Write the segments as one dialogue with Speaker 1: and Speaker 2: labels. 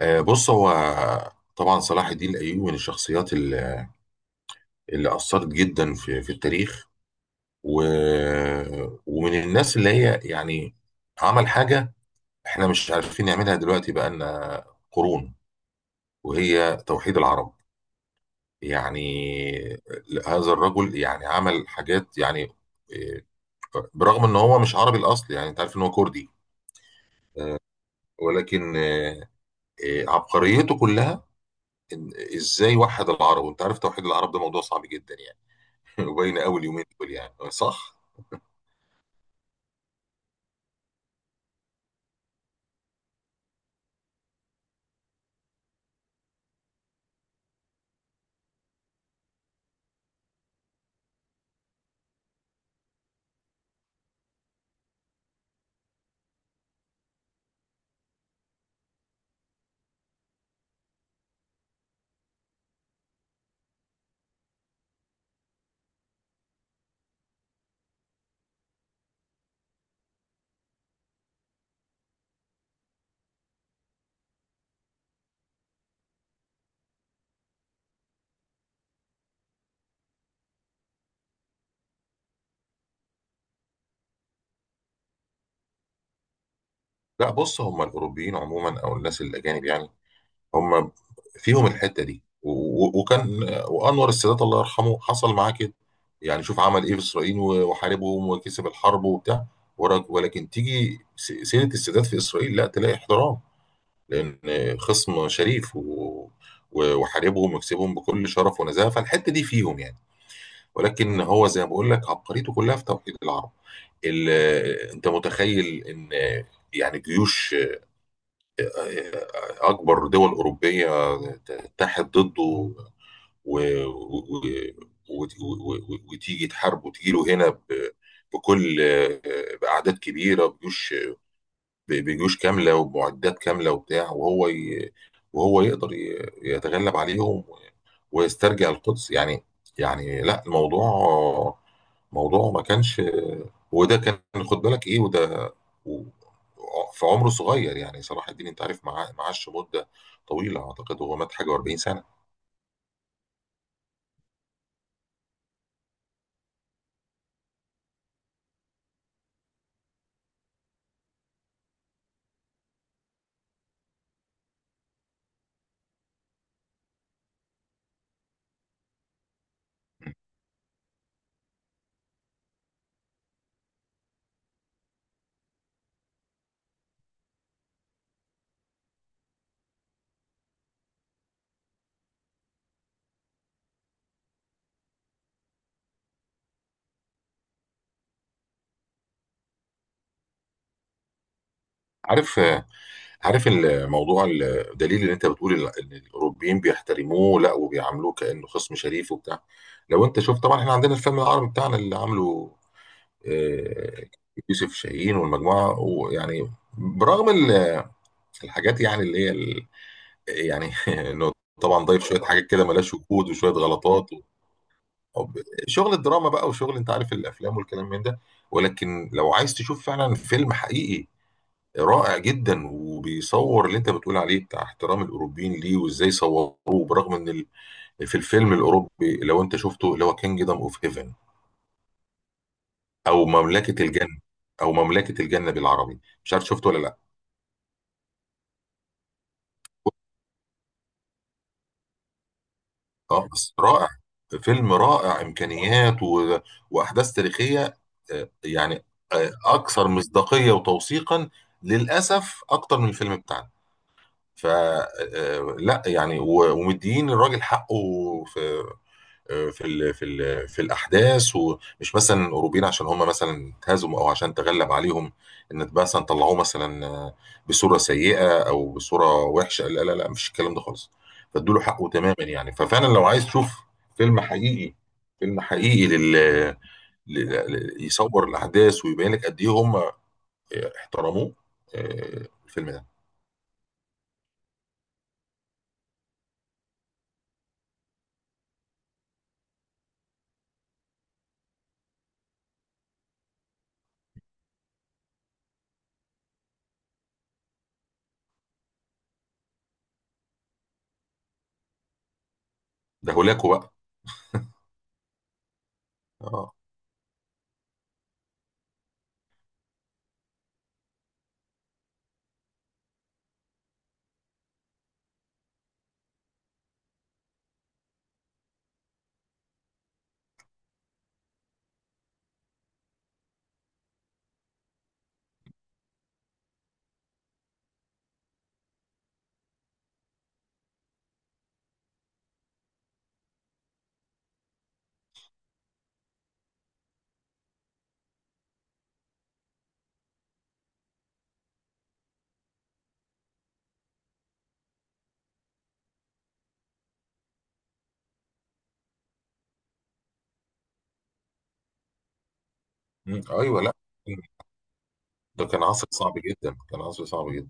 Speaker 1: بص هو طبعا صلاح الدين الايوبي من الشخصيات اللي اثرت جدا في التاريخ. و... ومن الناس اللي هي يعني عمل حاجه. احنا مش عارفين نعملها دلوقتي، بقالنا قرون، وهي توحيد العرب. يعني هذا الرجل يعني عمل حاجات يعني آه، برغم ان هو مش عربي الاصل، يعني انت عارف ان هو كردي. ولكن عبقريته كلها ازاي وحد العرب. وانت عارف توحيد العرب ده موضوع صعب جدا يعني، باينه قوي اليومين دول يعني. صح. لا، بص هم الاوروبيين عموما او الناس الاجانب يعني. هم فيهم الحته دي و- و- وكان وانور السادات الله يرحمه حصل معاه كده. يعني شوف عمل ايه في اسرائيل وحاربهم وكسب الحرب وبتاع. ولكن تيجي سيره السادات في اسرائيل لا تلاقي احترام، لان خصم شريف وحاربهم وكسبهم بكل شرف ونزاهه، فالحته دي فيهم يعني. ولكن هو زي ما بقول لك عبقريته كلها في توحيد العرب. انت متخيل ان يعني جيوش، اكبر دول اوروبيه تتحد ضده و- وتيجي تحاربه وتجي له هنا بكل، باعداد كبيره بجيوش، بجيوش كاملة ومعدات كاملة وبتاع. وهو يقدر يتغلب عليهم ويسترجع القدس يعني. يعني لا، موضوع ما كانش. وده كان، خد بالك ايه؟ و... في عمره صغير يعني. صلاح الدين انت عارف معاه معاش مدة طويلة، اعتقد هو مات حاجة و40 سنة. عارف عارف الموضوع. الدليل اللي انت بتقول ان الاوروبيين بيحترموه، لا، وبيعاملوه كانه خصم شريف وبتاع. لو انت شفت، طبعا احنا عندنا الفيلم العربي بتاعنا اللي عامله آه، يوسف شاهين والمجموعه، ويعني برغم الحاجات يعني اللي هي يعني انه طبعا ضايف شويه حاجات كده ملهاش وجود وشويه غلطات أو شغل الدراما بقى وشغل، انت عارف الافلام والكلام من ده. ولكن لو عايز تشوف فعلا فيلم حقيقي رائع جدا، وبيصور اللي انت بتقول عليه بتاع احترام الاوروبيين ليه وازاي صوروه، برغم ان في الفيلم الاوروبي، لو انت شفته، اللي هو كينجدم اوف هيفن، او مملكه الجنه او مملكه الجنه بالعربي، مش عارف شفته ولا لا. اه، بس رائع، فيلم رائع، امكانيات واحداث تاريخيه، آه، يعني اكثر مصداقيه وتوثيقا، للاسف اكتر من الفيلم بتاعنا. فلا يعني، ومديين الراجل حقه في آه، في ال في ال في الاحداث. ومش مثلا الاوروبيين عشان هم مثلا اتهزموا او عشان تغلب عليهم، ان مثلا طلعوه مثلا بصوره سيئه او بصوره وحشه. لا لا لا، مش الكلام ده خالص. فادوا له حقه تماما يعني. ففعلا، لو عايز تشوف فيلم حقيقي، فيلم حقيقي لل... يصور الاحداث ويبين لك قد ايه هم احترموه. الفيلم ده. ده هولاكو بقى. اه. مم. ايوه. لا، ده كان عصر صعب جدا، كان عصر صعب جدا.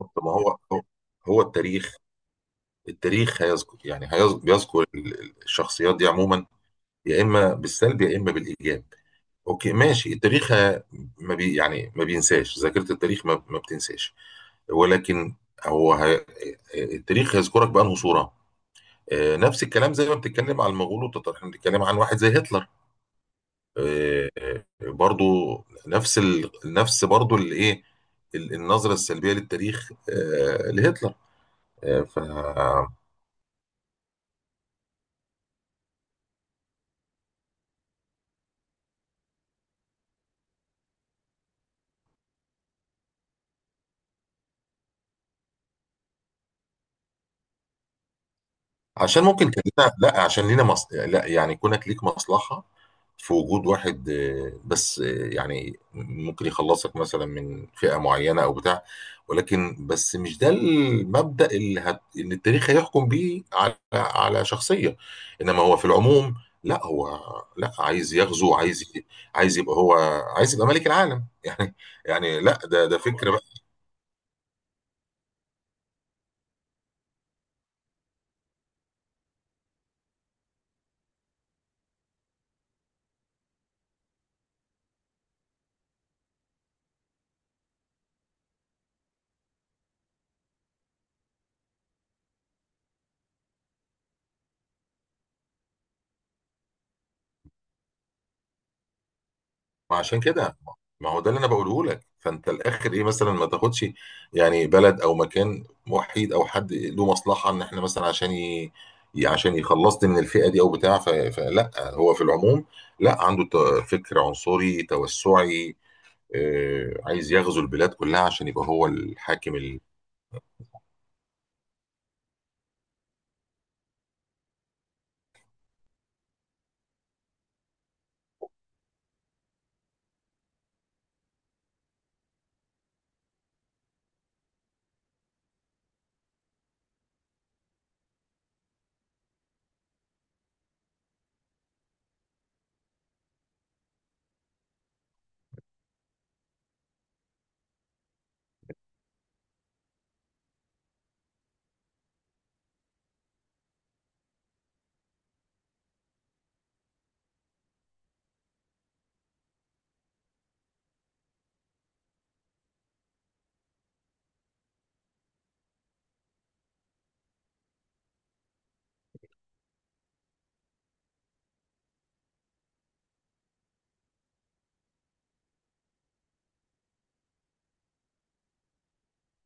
Speaker 1: طب ما هو هو التاريخ. التاريخ هيذكر يعني، بيذكر الشخصيات دي عموما، يا اما بالسلب يا اما بالايجاب. اوكي ماشي، التاريخ ما بي يعني ما بينساش. ذاكره التاريخ ما بتنساش. ولكن هو التاريخ هيذكرك بانه صوره. نفس الكلام زي ما بتتكلم عن المغول والتتار، احنا بنتكلم عن واحد زي هتلر. برضو نفس برضو الايه، النظره السلبيه للتاريخ لهتلر. آه، ف عشان ممكن كان لنا. لا، عشان لينا لا يعني كونك ليك مصلحة في وجود واحد، بس، يعني ممكن يخلصك مثلا من فئة معينة او بتاع. ولكن بس مش ده المبدأ اللي التاريخ هيحكم بيه على شخصية. انما هو في العموم، لا هو لا عايز يغزو. عايز يبقى هو. عايز يبقى ملك العالم يعني. يعني لا، ده فكرة. ما عشان كده، ما هو ده اللي انا بقوله لك. فانت الاخر ايه؟ مثلا ما تاخدش يعني بلد او مكان وحيد او حد له مصلحه ان احنا مثلا، عشان عشان يخلصني من الفئه دي او بتاع، فلا هو في العموم لا، عنده فكر عنصري توسعي، عايز يغزو البلاد كلها عشان يبقى هو الحاكم.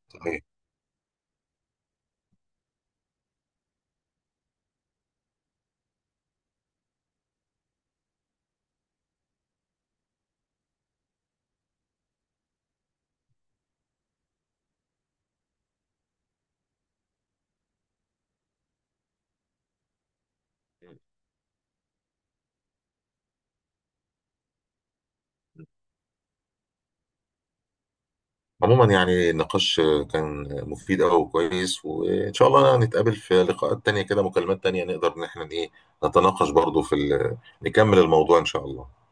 Speaker 1: الصحيح. عموما يعني النقاش كان مفيد أوي وكويس، وإن شاء الله نتقابل في لقاءات تانية كده، مكالمات تانية نقدر إن احنا إيه نتناقش برضو في نكمل الموضوع إن شاء الله.